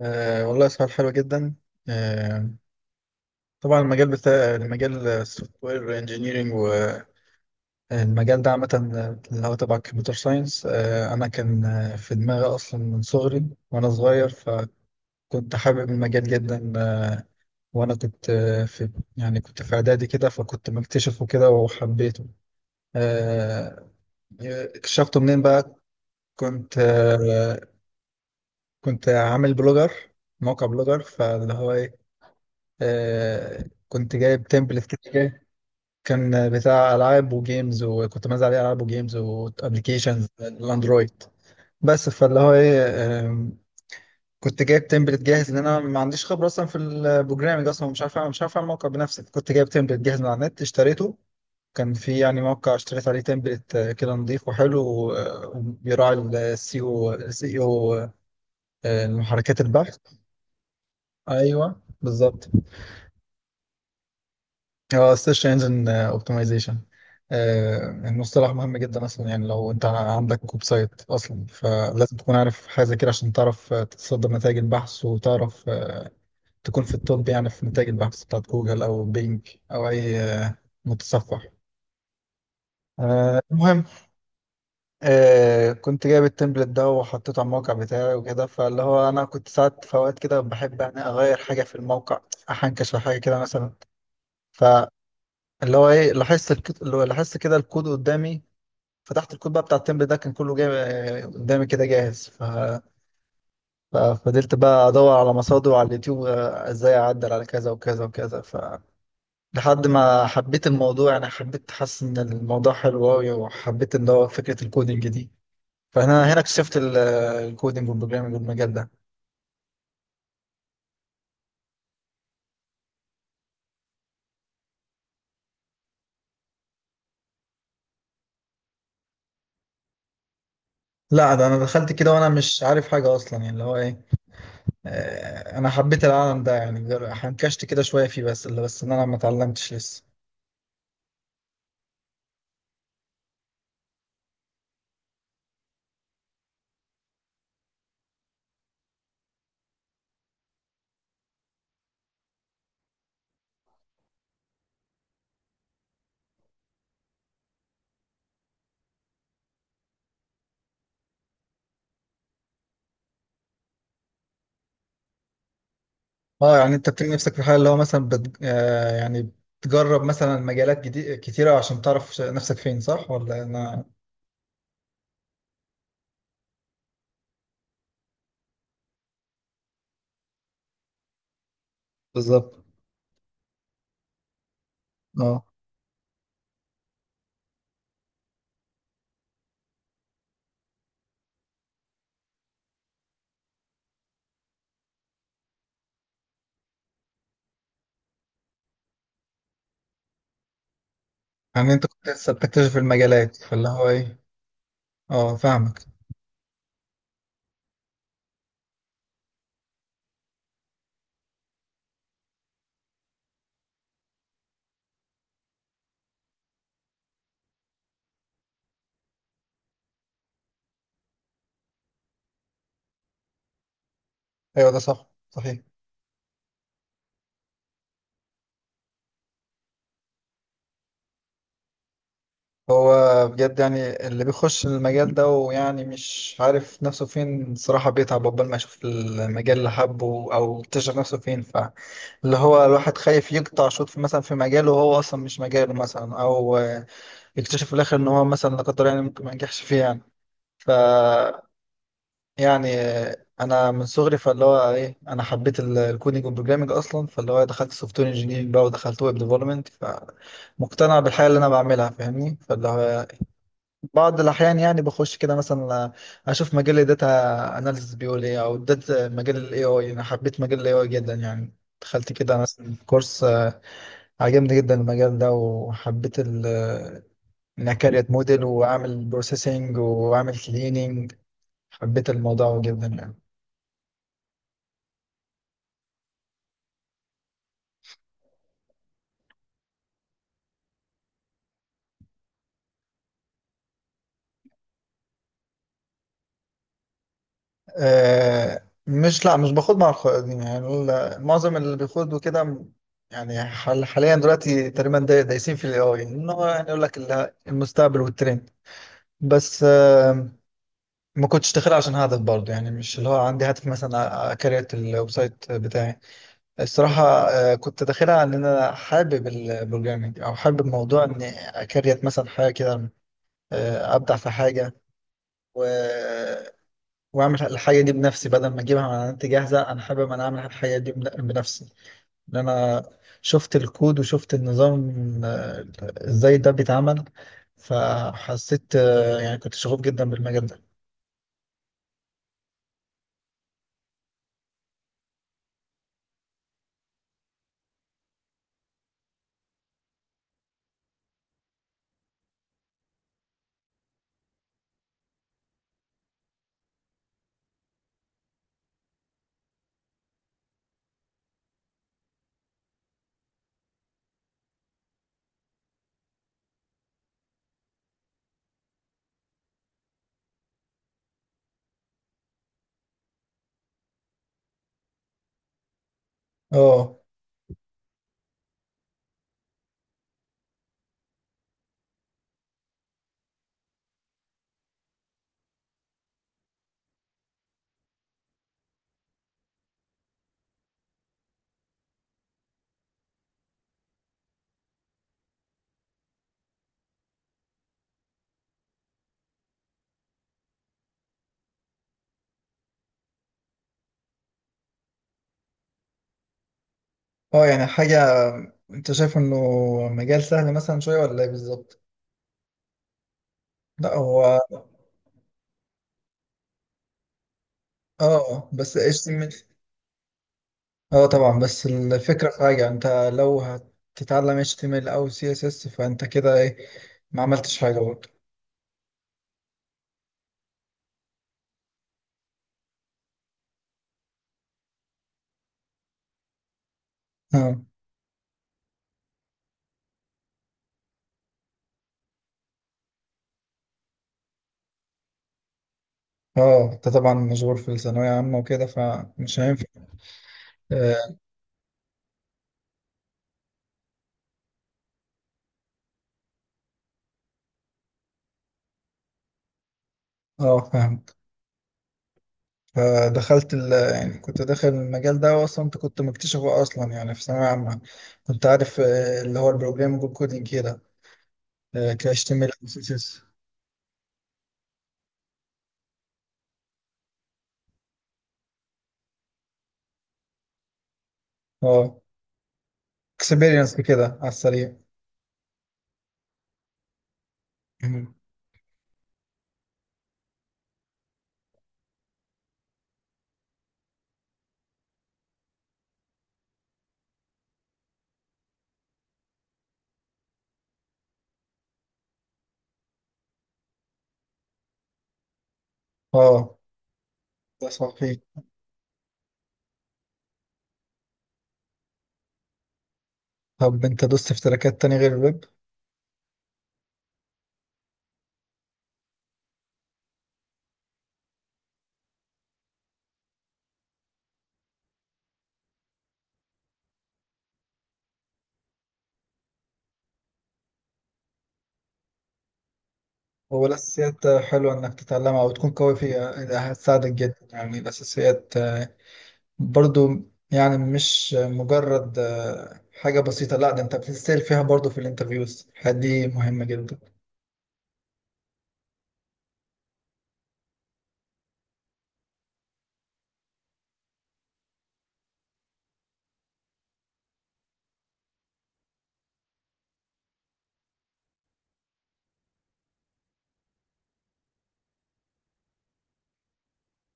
أه، والله سؤال حلو جدا. أه طبعا المجال بتاع المجال السوفت وير انجينيرنج، والمجال ده عامة اللي هو تبع الكمبيوتر ساينس. أنا كان في دماغي أصلا من صغري. وأنا صغير فكنت حابب المجال جدا. وأنا كنت آه، في يعني كنت في إعدادي كده، فكنت مكتشفه كده وحبيته. أه اكتشفته منين بقى؟ كنت أه كنت عامل بلوجر، موقع بلوجر، فاللي هو إيه، كنت جايب تمبلت كده جاي. كان بتاع العاب وجيمز، وكنت منزل عليه العاب وجيمز وابلكيشنز الاندرويد بس. فاللي هو ايه، آم، كنت جايب تمبلت جاهز، لان انا ما عنديش خبره اصلا في البروجرامنج، اصلا مش عارف اعمل موقع بنفسي. كنت جايب تمبلت جاهز من على النت اشتريته. كان في يعني موقع اشتريت عليه تمبلت، كده نظيف وحلو وبيراعي السي او محركات البحث. ايوه بالظبط. اه السيرش انجن اوبتمايزيشن، المصطلح مهم جدا اصلا. يعني لو انت عندك ويب سايت اصلا، فلازم تكون عارف حاجه زي كده عشان تعرف تتصدر نتائج البحث، وتعرف تكون في التوب، يعني في نتائج البحث بتاعت جوجل او بينج او اي متصفح. المهم، كنت جايب التمبلت ده وحطيته على الموقع بتاعي وكده. فاللي هو انا كنت ساعات في اوقات كده بحب يعني اغير حاجه في الموقع، احنكش في حاجه كده مثلا. ف اللي هو ايه اللي هو لاحظت كده الكود قدامي. فتحت الكود بقى بتاع التمبل ده، كان كله جاي قدامي كده جاهز. ففضلت بقى ادور على مصادر على اليوتيوب، ازاي اعدل على كذا وكذا وكذا، ف لحد ما حبيت الموضوع. يعني حبيت، حاسس ان الموضوع حلو قوي، وحبيت ان هو فكره الكودينج دي. فانا هنا اكتشفت الكودينج والبروجرامنج والمجال ده. لا ده انا دخلت كده وانا مش عارف حاجه اصلا، يعني اللي هو ايه، انا حبيت العالم ده يعني. حنكشت كده شويه فيه، بس اللي بس ان انا ما اتعلمتش لسه. اه، يعني انت بتلاقي نفسك في حاله اللي هو مثلا بت... آه يعني بتجرب مثلا مجالات جديدة كتيرة، عشان تعرف نفسك فين، صح ولا انا؟ بالظبط. اه، يعني انت كنت لسه بتكتشف المجالات، فاللي هو ايه. اه، فاهمك. ايوه ده صح صحيح. هو بجد يعني اللي بيخش المجال ده، ويعني مش عارف نفسه فين الصراحة، بيتعب عقبال ما يشوف المجال اللي حبه او يكتشف نفسه فين. ف اللي هو الواحد خايف يقطع شوط في مثلا في مجاله، وهو اصلا مش مجاله مثلا، او يكتشف في الاخر ان هو مثلا لا قدر، يعني ممكن ما ينجحش فيه يعني. ف يعني انا من صغري فاللي هو ايه، انا حبيت الكودينج والبروجرامنج اصلا. فاللي هو دخلت سوفت وير انجينيرنج بقى، ودخلت ويب ديفلوبمنت، فمقتنع بالحاجه اللي انا بعملها، فاهمني. فاللي هو بعض الاحيان يعني بخش كده مثلا، اشوف مجال الداتا اناليسيس بيقول ايه، او داتا مجال الاي اي. انا حبيت مجال الاي اي جدا يعني، دخلت كده مثلا كورس، عجبني جدا المجال ده، وحبيت انا كاريت موديل واعمل بروسيسنج واعمل كليننج. حبيت الموضوع جدا يعني. أه مش، لا مش باخد مع الخوارزمي، يعني معظم اللي بيخوضوا كده يعني حاليا دلوقتي تقريبا دايسين في الاي اي. ان هو يعني يقول لك المستقبل والترند. بس ما كنتش داخل عشان هدف برضه، يعني مش اللي هو عندي هدف مثلا اكريت الويب سايت بتاعي الصراحة. كنت داخلها إن أنا حابب البروجرامينج، أو حابب موضوع إني أكريت مثلا حاجة كده، ابدع في حاجه، و... واعمل الحاجه دي بنفسي بدل ما اجيبها من على النت جاهزه. انا حابب انا اعمل الحاجه دي بنفسي، ان انا شفت الكود وشفت النظام، آه، ازاي ده بيتعمل. فحسيت يعني كنت شغوف جدا بالمجال ده. اه. اه، يعني حاجة. انت شايف انه مجال سهل مثلا شوية ولا ايه بالظبط؟ لا هو. اه بس ايش. اه طبعا، بس الفكرة في حاجة: انت لو هتتعلم HTML او CSS، فانت كده ايه، ما عملتش حاجة برضه. اه. اه، انت طبعا مشغول في الثانوية عامة وكده فمش هينفع. اه. فاهمك. فدخلت ال يعني كنت داخل المجال ده واصلا، انت كنت مكتشفه اصلا يعني في ثانوية عامة. كنت عارف اللي هو البروجرامينج كودينج كده، ك HTML او CSS. اه، اكسبيرينس كده على السريع. مم. اه، ده صحيح. طب انت دوست في تراكات تانية غير الويب؟ هو الأساسيات حلوة إنك تتعلمها وتكون قوي فيها، ده هتساعدك جدا. يعني الأساسيات برضو، يعني مش مجرد حاجة بسيطة. لا ده أنت بتسأل فيها برضو في الانترفيوز، دي مهمة جدا.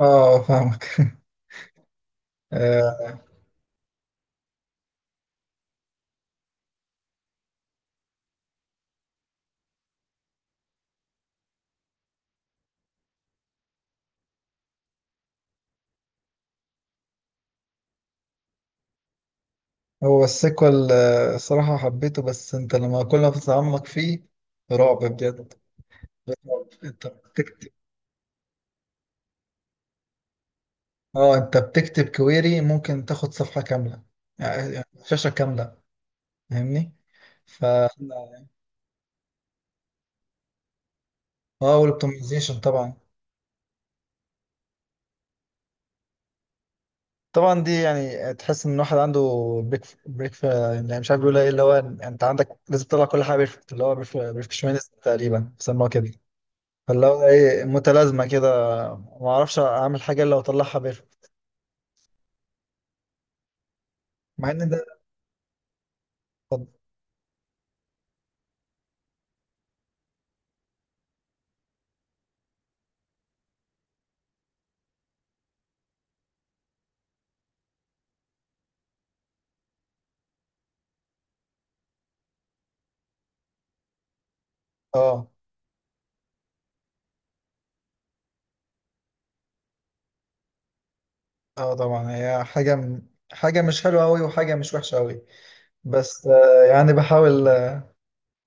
اه، فاهمك. آه، هو السيكوال، صراحة حبيته، بس أنت لما كل ما تتعمق فيه، رعب بجد. رعب. أنت بتكتب كويري ممكن تاخد صفحة كاملة. يعني شاشة كاملة، فاهمني؟ ف اه والاوبتمايزيشن طبعا. طبعا، دي يعني تحس ان الواحد عنده بريك بريك في، يعني مش عارف يقول ايه. اللي هو انت عندك لازم تطلع كل حاجه بيرفكت، اللي هو بيرفكشنست تقريبا بيسموها كده. فاللي هو ايه، متلازمه كده، ما اعرفش اعمل حاجه الا واطلعها بيرفكت. مع ان ده اه اه طبعا. هي حاجه مش حلوه قوي وحاجه مش وحشه قوي. بس يعني بحاول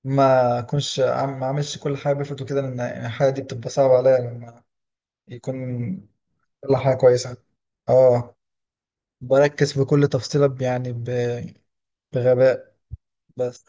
ما اكونش ما اعملش كل حاجه بيرفكت وكده، لان يعني الحاجه دي بتبقى صعبه عليا لما يكون. يلا حاجة كويسة. اه، بركز في كل تفصيلة بغباء بس.